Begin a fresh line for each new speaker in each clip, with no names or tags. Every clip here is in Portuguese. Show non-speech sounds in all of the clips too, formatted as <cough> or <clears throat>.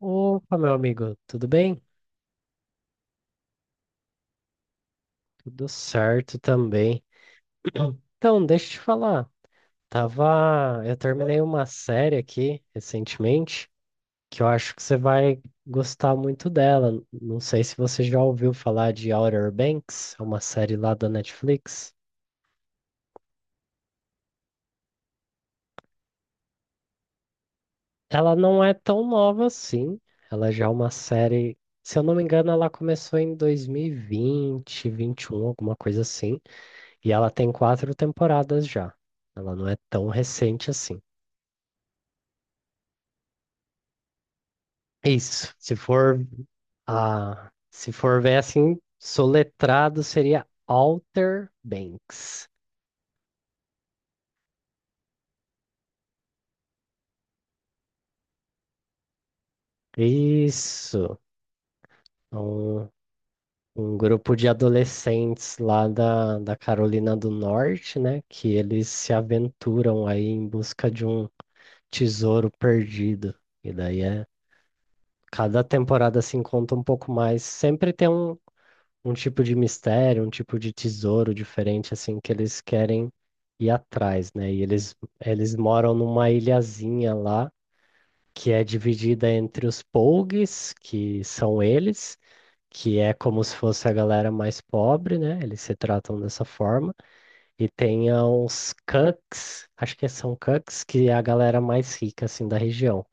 Opa, meu amigo, tudo bem? Tudo certo também. <clears throat> Então, deixa eu te falar. Eu terminei uma série aqui recentemente que eu acho que você vai gostar muito dela. Não sei se você já ouviu falar de Outer Banks, é uma série lá da Netflix. Ela não é tão nova assim. Ela já é uma série, se eu não me engano, ela começou em 2020, vinte e um, alguma coisa assim. E ela tem quatro temporadas já. Ela não é tão recente assim. Isso. Se for ver assim, soletrado seria Outer Banks. Isso. Um, um grupo de adolescentes lá da Carolina do Norte, né? Que eles se aventuram aí em busca de um tesouro perdido. E daí é. Cada temporada se conta um pouco mais. Sempre tem um tipo de mistério, um tipo de tesouro diferente, assim, que eles querem ir atrás, né? E eles moram numa ilhazinha lá, que é dividida entre os Pougs, que são eles, que é como se fosse a galera mais pobre, né? Eles se tratam dessa forma. E tem os Cucks, acho que são Cucks, que é a galera mais rica, assim, da região.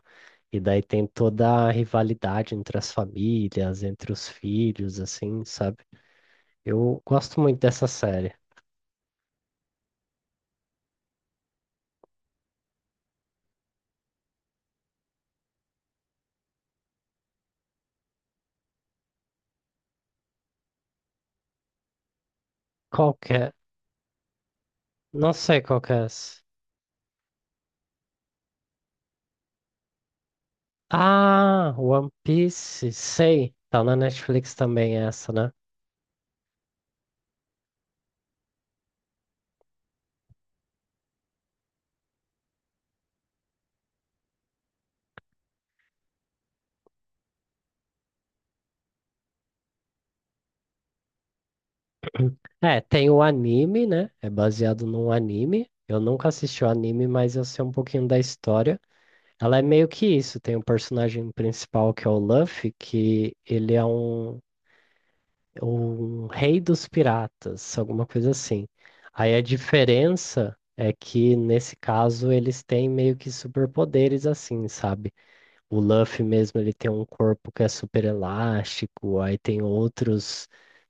E daí tem toda a rivalidade entre as famílias, entre os filhos, assim, sabe? Eu gosto muito dessa série. Qual que é? Não sei qual que é essa. Ah, One Piece, sei. Tá na Netflix também essa, né? É, tem o anime, né? É baseado num anime. Eu nunca assisti o anime, mas eu sei um pouquinho da história. Ela é meio que isso. Tem o personagem principal que é o Luffy, que ele é um rei dos piratas, alguma coisa assim. Aí a diferença é que nesse caso eles têm meio que superpoderes assim, sabe? O Luffy mesmo, ele tem um corpo que é super elástico, aí tem outros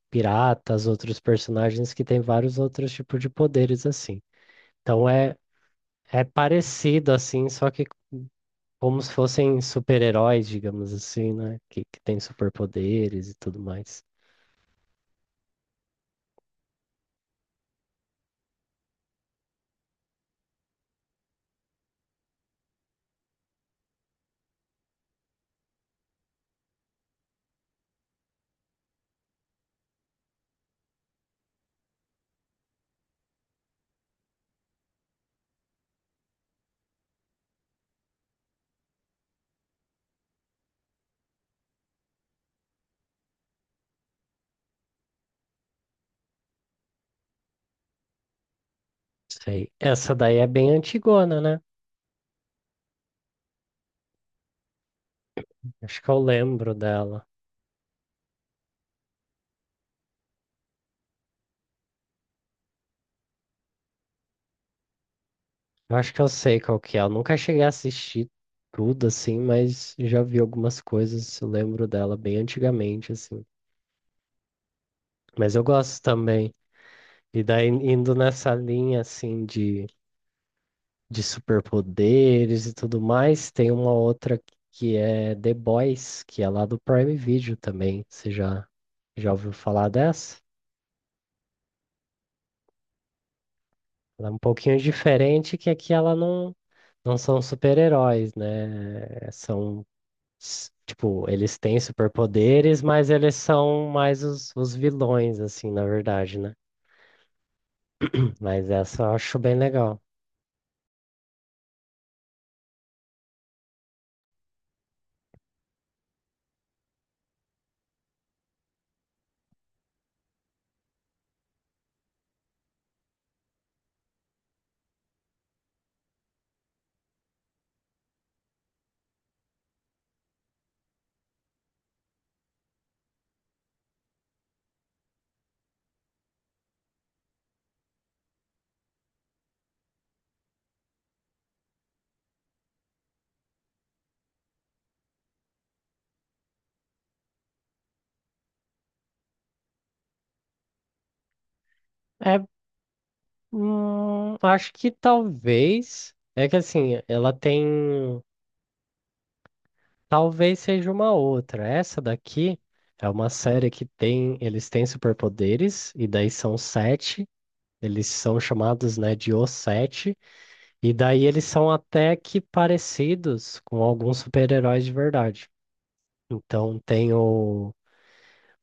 piratas, outros personagens que têm vários outros tipos de poderes assim. Então é parecido assim, só que como se fossem super-heróis, digamos assim, né? Que tem superpoderes e tudo mais. Sei. Essa daí é bem antigona, né? Acho que eu lembro dela. Eu acho que eu sei qual que é. Eu nunca cheguei a assistir tudo assim, mas já vi algumas coisas, eu lembro dela bem antigamente assim. Mas eu gosto também. E daí indo nessa linha assim de superpoderes e tudo mais, tem uma outra que é The Boys, que é lá do Prime Video também. Você já ouviu falar dessa? Ela é um pouquinho diferente, que aqui ela não são super-heróis, né? Tipo, eles têm superpoderes, mas eles são mais os vilões, assim, na verdade, né? Mas essa eu acho bem legal. É, acho que talvez. É que assim, ela tem. Talvez seja uma outra. Essa daqui é uma série que tem. Eles têm superpoderes, e daí são sete. Eles são chamados, né, de Os Sete. E daí eles são até que parecidos com alguns super-heróis de verdade. Então tem o,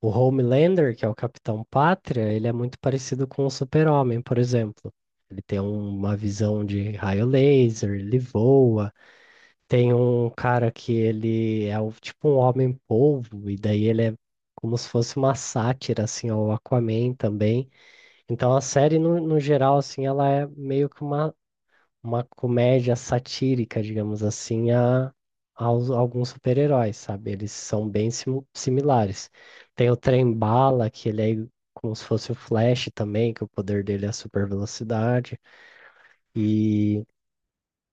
o Homelander, que é o Capitão Pátria, ele é muito parecido com o Super-Homem, por exemplo. Ele tem uma visão de raio laser, ele voa. Tem um cara que ele é tipo um homem-polvo, e daí ele é como se fosse uma sátira, assim, ao Aquaman também. Então a série, no geral, assim, ela é meio que uma comédia satírica, digamos assim, a alguns super-heróis, sabe? Eles são bem similares. Tem o Trem-Bala, que ele é como se fosse o Flash também, que o poder dele é a super velocidade. E,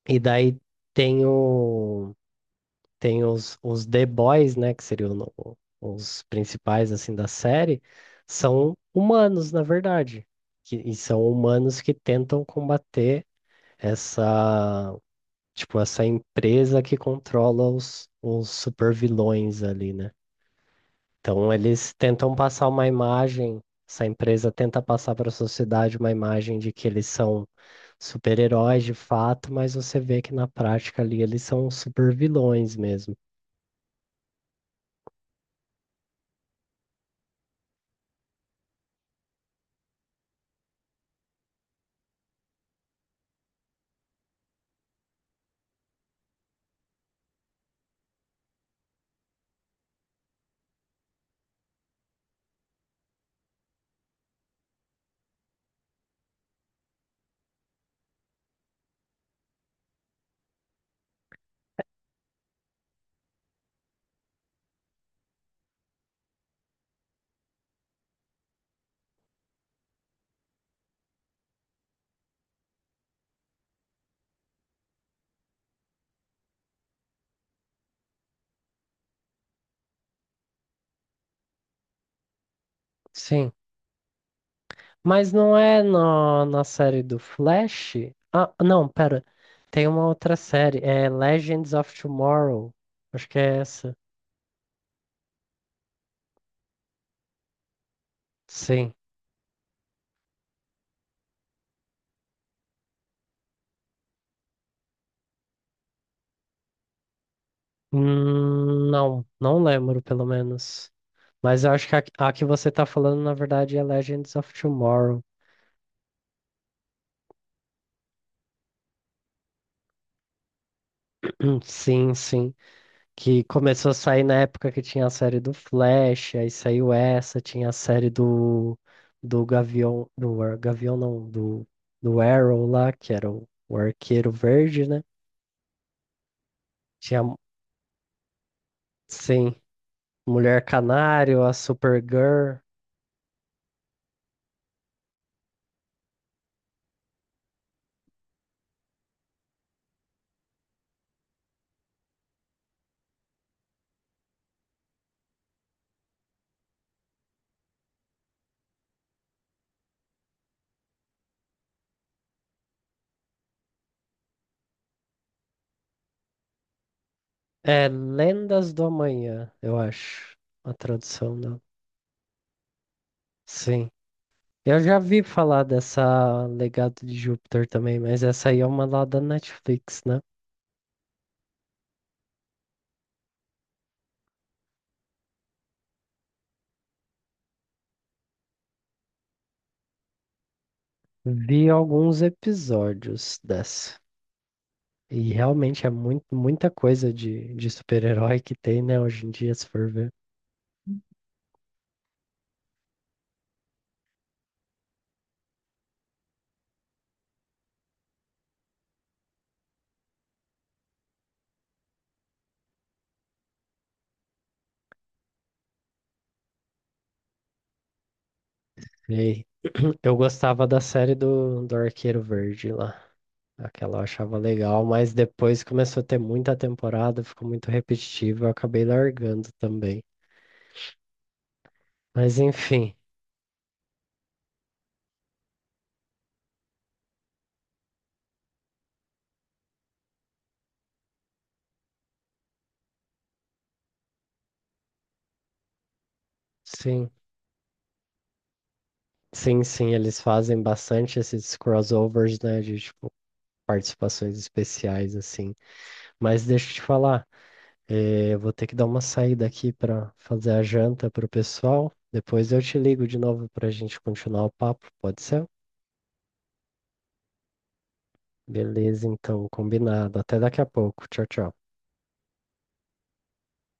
e daí tem, o, tem os The Boys, né? Que seriam os principais, assim, da série. São humanos, na verdade. E são humanos que tentam combater essa tipo, essa empresa que controla os supervilões ali, né? Então eles tentam passar uma imagem, essa empresa tenta passar para a sociedade uma imagem de que eles são super-heróis de fato, mas você vê que na prática ali eles são supervilões mesmo. Sim. Mas não é na série do Flash? Ah, não, pera. Tem uma outra série, é Legends of Tomorrow. Acho que é essa. Sim. Não, não lembro, pelo menos. Mas eu acho que a que você tá falando, na verdade, é Legends of Tomorrow. <clears throat> Sim, sim. Que começou a sair na época que tinha a série do Flash, aí saiu essa, tinha a série do Gavião, do Gavião não, do Arrow lá, que era o Arqueiro Verde, né? Tinha, sim, Mulher Canário, a Supergirl. É, Lendas do Amanhã, eu acho, a tradução. Sim. Eu já vi falar dessa Legado de Júpiter também, mas essa aí é uma lá da Netflix, né? Vi alguns episódios dessa. E realmente é muito, muita coisa de super-herói que tem, né, hoje em dia, se for ver. E <clears throat> eu gostava da série do Arqueiro Verde lá. Aquela eu achava legal, mas depois começou a ter muita temporada, ficou muito repetitivo, eu acabei largando também. Mas enfim, sim. Sim, sim, eles fazem bastante esses crossovers, né, de tipo participações especiais assim. Mas deixa eu te falar, eu vou ter que dar uma saída aqui para fazer a janta pro pessoal. Depois eu te ligo de novo para a gente continuar o papo, pode ser? Beleza, então, combinado. Até daqui a pouco. Tchau, tchau.